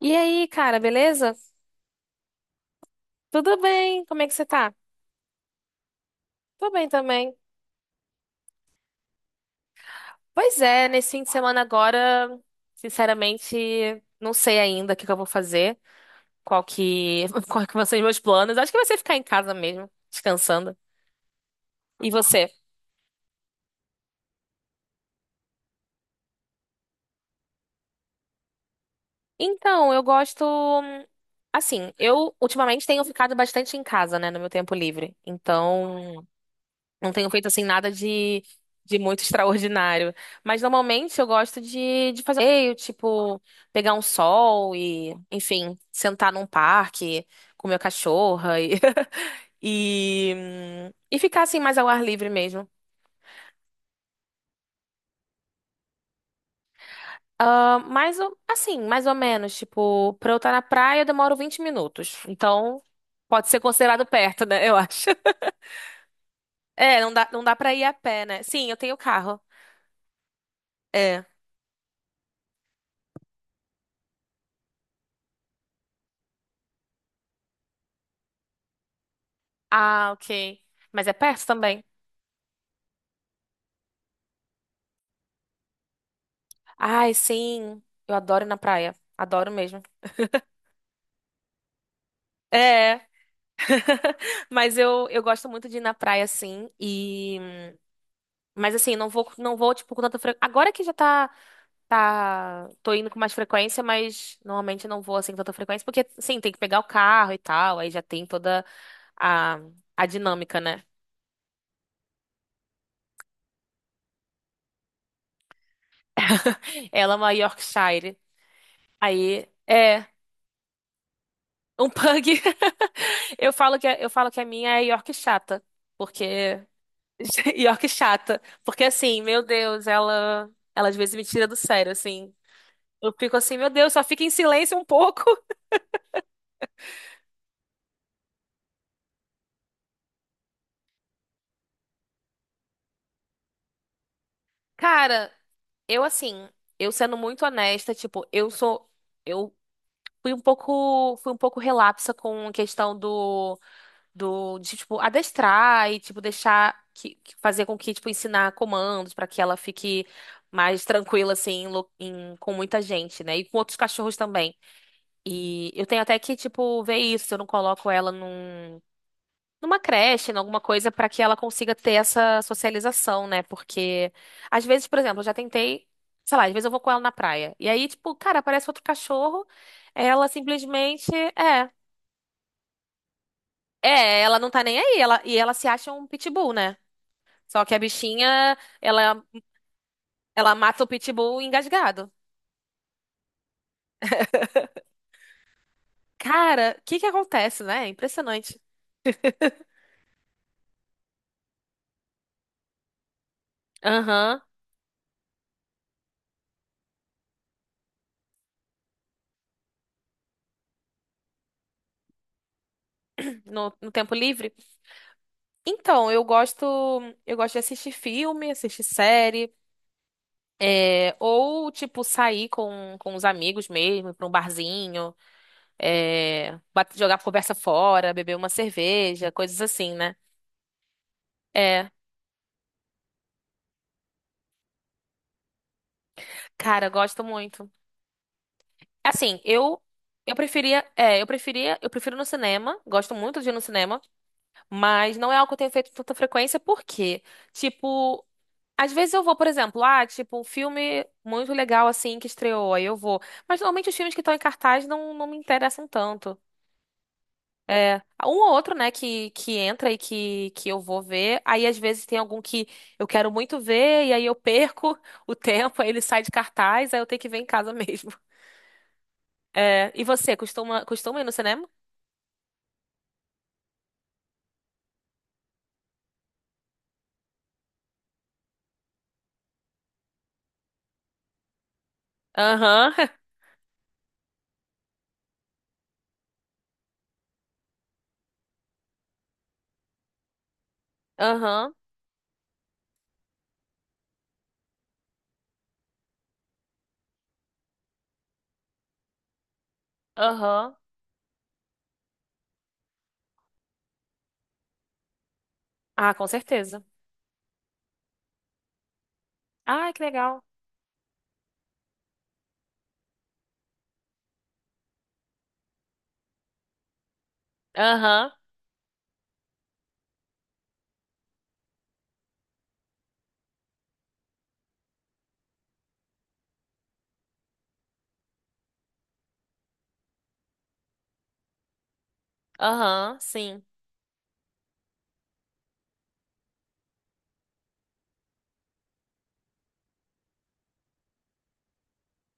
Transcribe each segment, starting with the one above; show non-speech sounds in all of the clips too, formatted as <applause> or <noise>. E aí, cara, beleza? Tudo bem? Como é que você tá? Tô bem também. Pois é, nesse fim de semana agora, sinceramente, não sei ainda o que que eu vou fazer, <laughs> qual que vão ser os meus planos. Acho que vai ser ficar em casa mesmo, descansando. E você? Então, eu gosto, assim, eu ultimamente tenho ficado bastante em casa, né, no meu tempo livre. Então, não tenho feito assim nada de muito <laughs> extraordinário. Mas normalmente eu gosto de fazer passeio, tipo, pegar um sol e, enfim, sentar num parque com meu cachorro e, <laughs> e ficar assim mais ao ar livre mesmo. Ah, mas eu- assim, mais ou menos, tipo, pra eu estar na praia eu demoro 20 minutos. Então, pode ser considerado perto, né? Eu acho. <laughs> É, não dá pra ir a pé, né? Sim, eu tenho carro. É. Ah, ok. Mas é perto também. Ai, sim. Eu adoro ir na praia. Adoro mesmo. É, mas eu gosto muito de ir na praia, sim, e... Mas assim, não vou, tipo, com tanta frequência... Agora que já tá, tá... Tô indo com mais frequência, mas normalmente eu não vou, assim, com tanta frequência, porque, sim, tem que pegar o carro e tal, aí já tem toda a, a dinâmica, né? <laughs> Ela é uma Yorkshire. Aí, é, um pug. <laughs> Eu falo que, eu falo que a minha é York chata, porque... <laughs> E ó que chata. Porque assim, meu Deus, ela às vezes me tira do sério, assim. Eu fico assim, meu Deus, só fica em silêncio um pouco. <laughs> Cara, eu assim, eu sendo muito honesta, tipo, eu sou, eu fui um pouco relapsa com a questão tipo, adestrar e, tipo, deixar, que, fazer com que, tipo, ensinar comandos pra que ela fique mais tranquila, assim, em lo- em- com muita gente, né? E com outros cachorros também. E eu tenho até que, tipo, ver isso, se eu não coloco ela numa creche, em alguma coisa, pra que ela consiga ter essa socialização, né? Porque, às vezes, por exemplo, eu já tentei, sei lá, às vezes eu vou com ela na praia. E aí, tipo, cara, aparece outro cachorro, ela simplesmente é. É, ela não tá nem aí, ela, e ela se acha um pitbull, né? Só que a bichinha, ela mata o pitbull engasgado. Cara, o que que acontece, né? É impressionante. Aham, no tempo livre. Então, eu gosto de assistir filme, assistir série, é, ou tipo sair com os amigos mesmo, ir pra um barzinho, é, bate- jogar conversa fora, beber uma cerveja, coisas assim, né? É, cara, eu gosto muito. Assim, eu preferia, é, eu preferia, eu prefiro no cinema, gosto muito de ir no cinema, mas não é algo que eu tenho feito com tanta frequência, porque, tipo, às vezes eu vou, por exemplo, ah, tipo, um filme muito legal assim que estreou, aí eu vou. Mas normalmente os filmes que estão em cartaz não, não me interessam tanto. Um ou outro, né, que entra e que eu vou ver. Aí às vezes tem algum que eu quero muito ver, e aí eu perco <laughs> o tempo, aí ele sai de cartaz, aí eu tenho que ver em casa <laughs> mesmo. É, e você, costuma ir no cinema? Aham, <laughs> aham, aham. Ah, com certeza. Ah, que legal. Aham, aham, sim.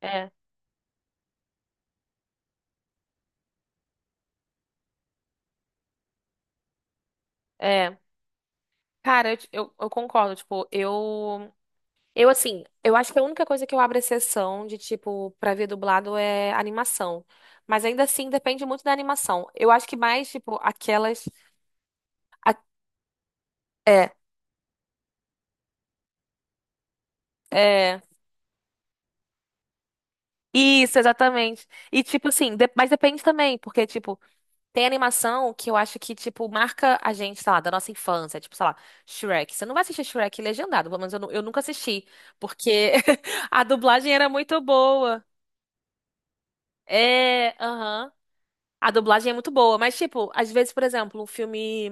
É, é. Cara, eu concordo, tipo, eu. Eu, assim, eu acho que a única coisa que eu abro exceção de, tipo, pra ver dublado é animação. Mas ainda assim, depende muito da animação. Eu acho que mais, tipo, aquelas. a- É, é. Isso, exatamente. E, tipo, assim, de- mas depende também, porque, tipo, tem animação que eu acho que, tipo, marca a gente, sei lá, da nossa infância. Tipo, sei lá, Shrek. Você não vai assistir Shrek legendado, pelo menos eu, eu nunca assisti, porque <laughs> a dublagem era muito boa. É, aham. A dublagem é muito boa, mas, tipo, às vezes, por exemplo, um filme.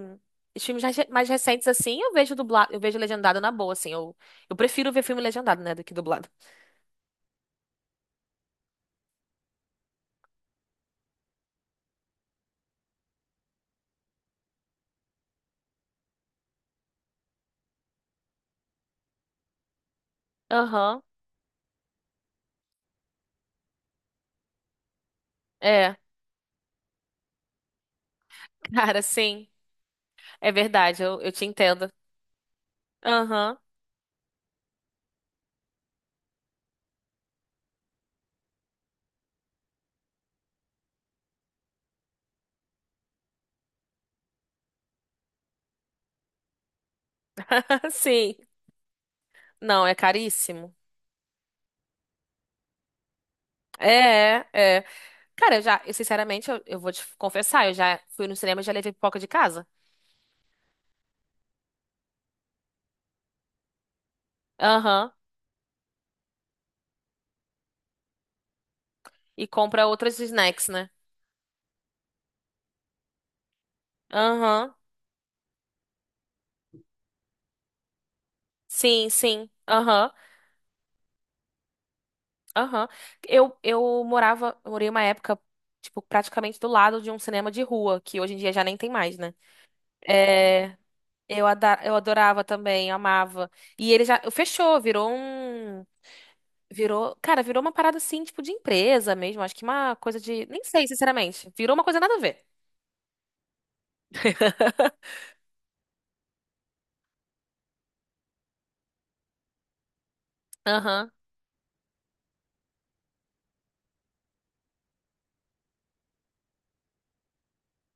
Os filmes mais recentes, assim, eu vejo dublado, eu vejo legendado na boa, assim. Eu prefiro ver filme legendado, né, do que dublado. Aham. É, cara, sim. É verdade, eu te entendo. Aham, <laughs> sim. Não, é caríssimo. É, é. Cara, eu já, eu, sinceramente, eu vou te confessar, eu já fui no cinema e já levei pipoca de casa. Aham. E compra outros snacks, né? Aham. Sim, sim. Aham. Aham. Eu morava, morei uma época, tipo, praticamente do lado de um cinema de rua, que hoje em dia já nem tem mais, né? É, eu, eu adorava também, amava. E ele já fechou, virou um. Virou, cara, virou uma parada assim, tipo, de empresa mesmo. Acho que uma coisa de. Nem sei, sinceramente. Virou uma coisa nada a ver. <laughs> Aham.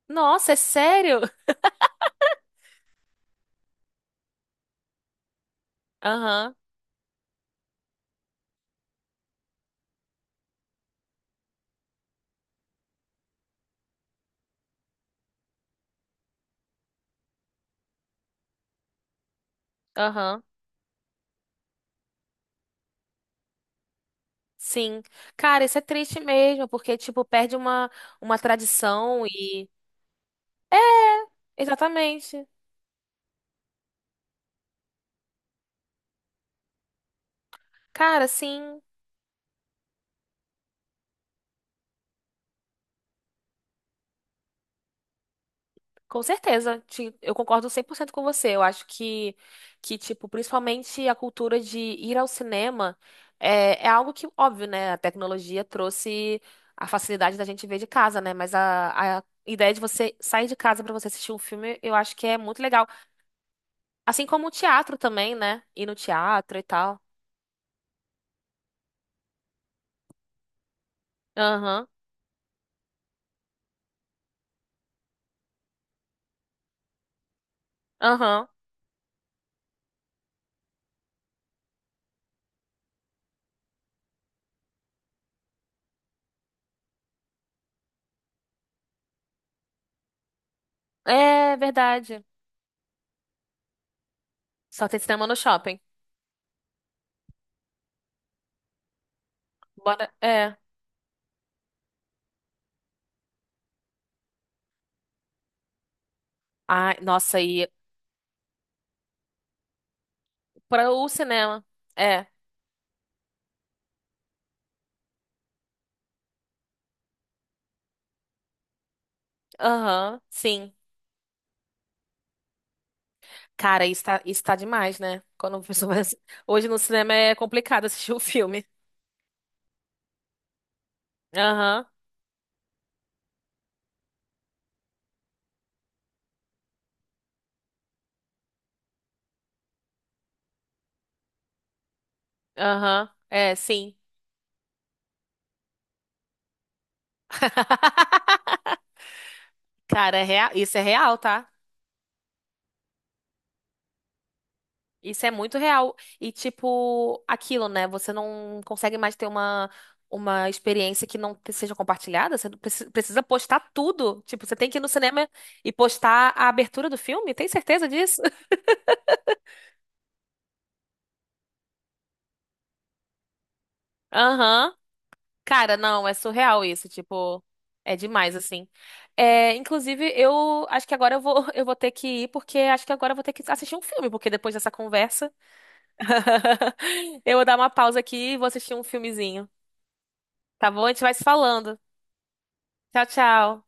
Nossa, é sério? Aham, aham. Sim. Cara, isso é triste mesmo, porque, tipo, perde uma tradição e. Exatamente. Cara, sim, com certeza. Eu concordo 100% com você. Eu acho que, tipo, principalmente a cultura de ir ao cinema é, é algo que, óbvio, né? A tecnologia trouxe a facilidade da gente ver de casa, né? Mas a ideia de você sair de casa pra você assistir um filme, eu acho que é muito legal. Assim como o teatro também, né? Ir no teatro e tal. Aham, aham. É verdade. Só tem cinema no shopping. Bora. É. Ai, nossa, e para o cinema. É. Aham, sim. Cara, isso tá demais, né? Quando a pessoa vai... Hoje no cinema é complicado assistir o filme. Aham, aham. É, sim. <laughs> Cara, é real, isso é real, tá? Isso é muito real. E, tipo, aquilo, né? Você não consegue mais ter uma experiência que não te- seja compartilhada. Você não preci- precisa postar tudo. Tipo, você tem que ir no cinema e postar a abertura do filme. Tem certeza disso? <laughs> Aham. Cara, não, é surreal isso, tipo, é demais, assim. É, inclusive, eu acho que agora eu vou, <laughs> eu vou ter que ir, porque acho que agora eu vou ter que assistir um filme, porque depois dessa conversa, <laughs> eu vou dar uma pausa aqui e vou assistir um filmezinho, tá bom? A gente vai se falando. Tchau, tchau.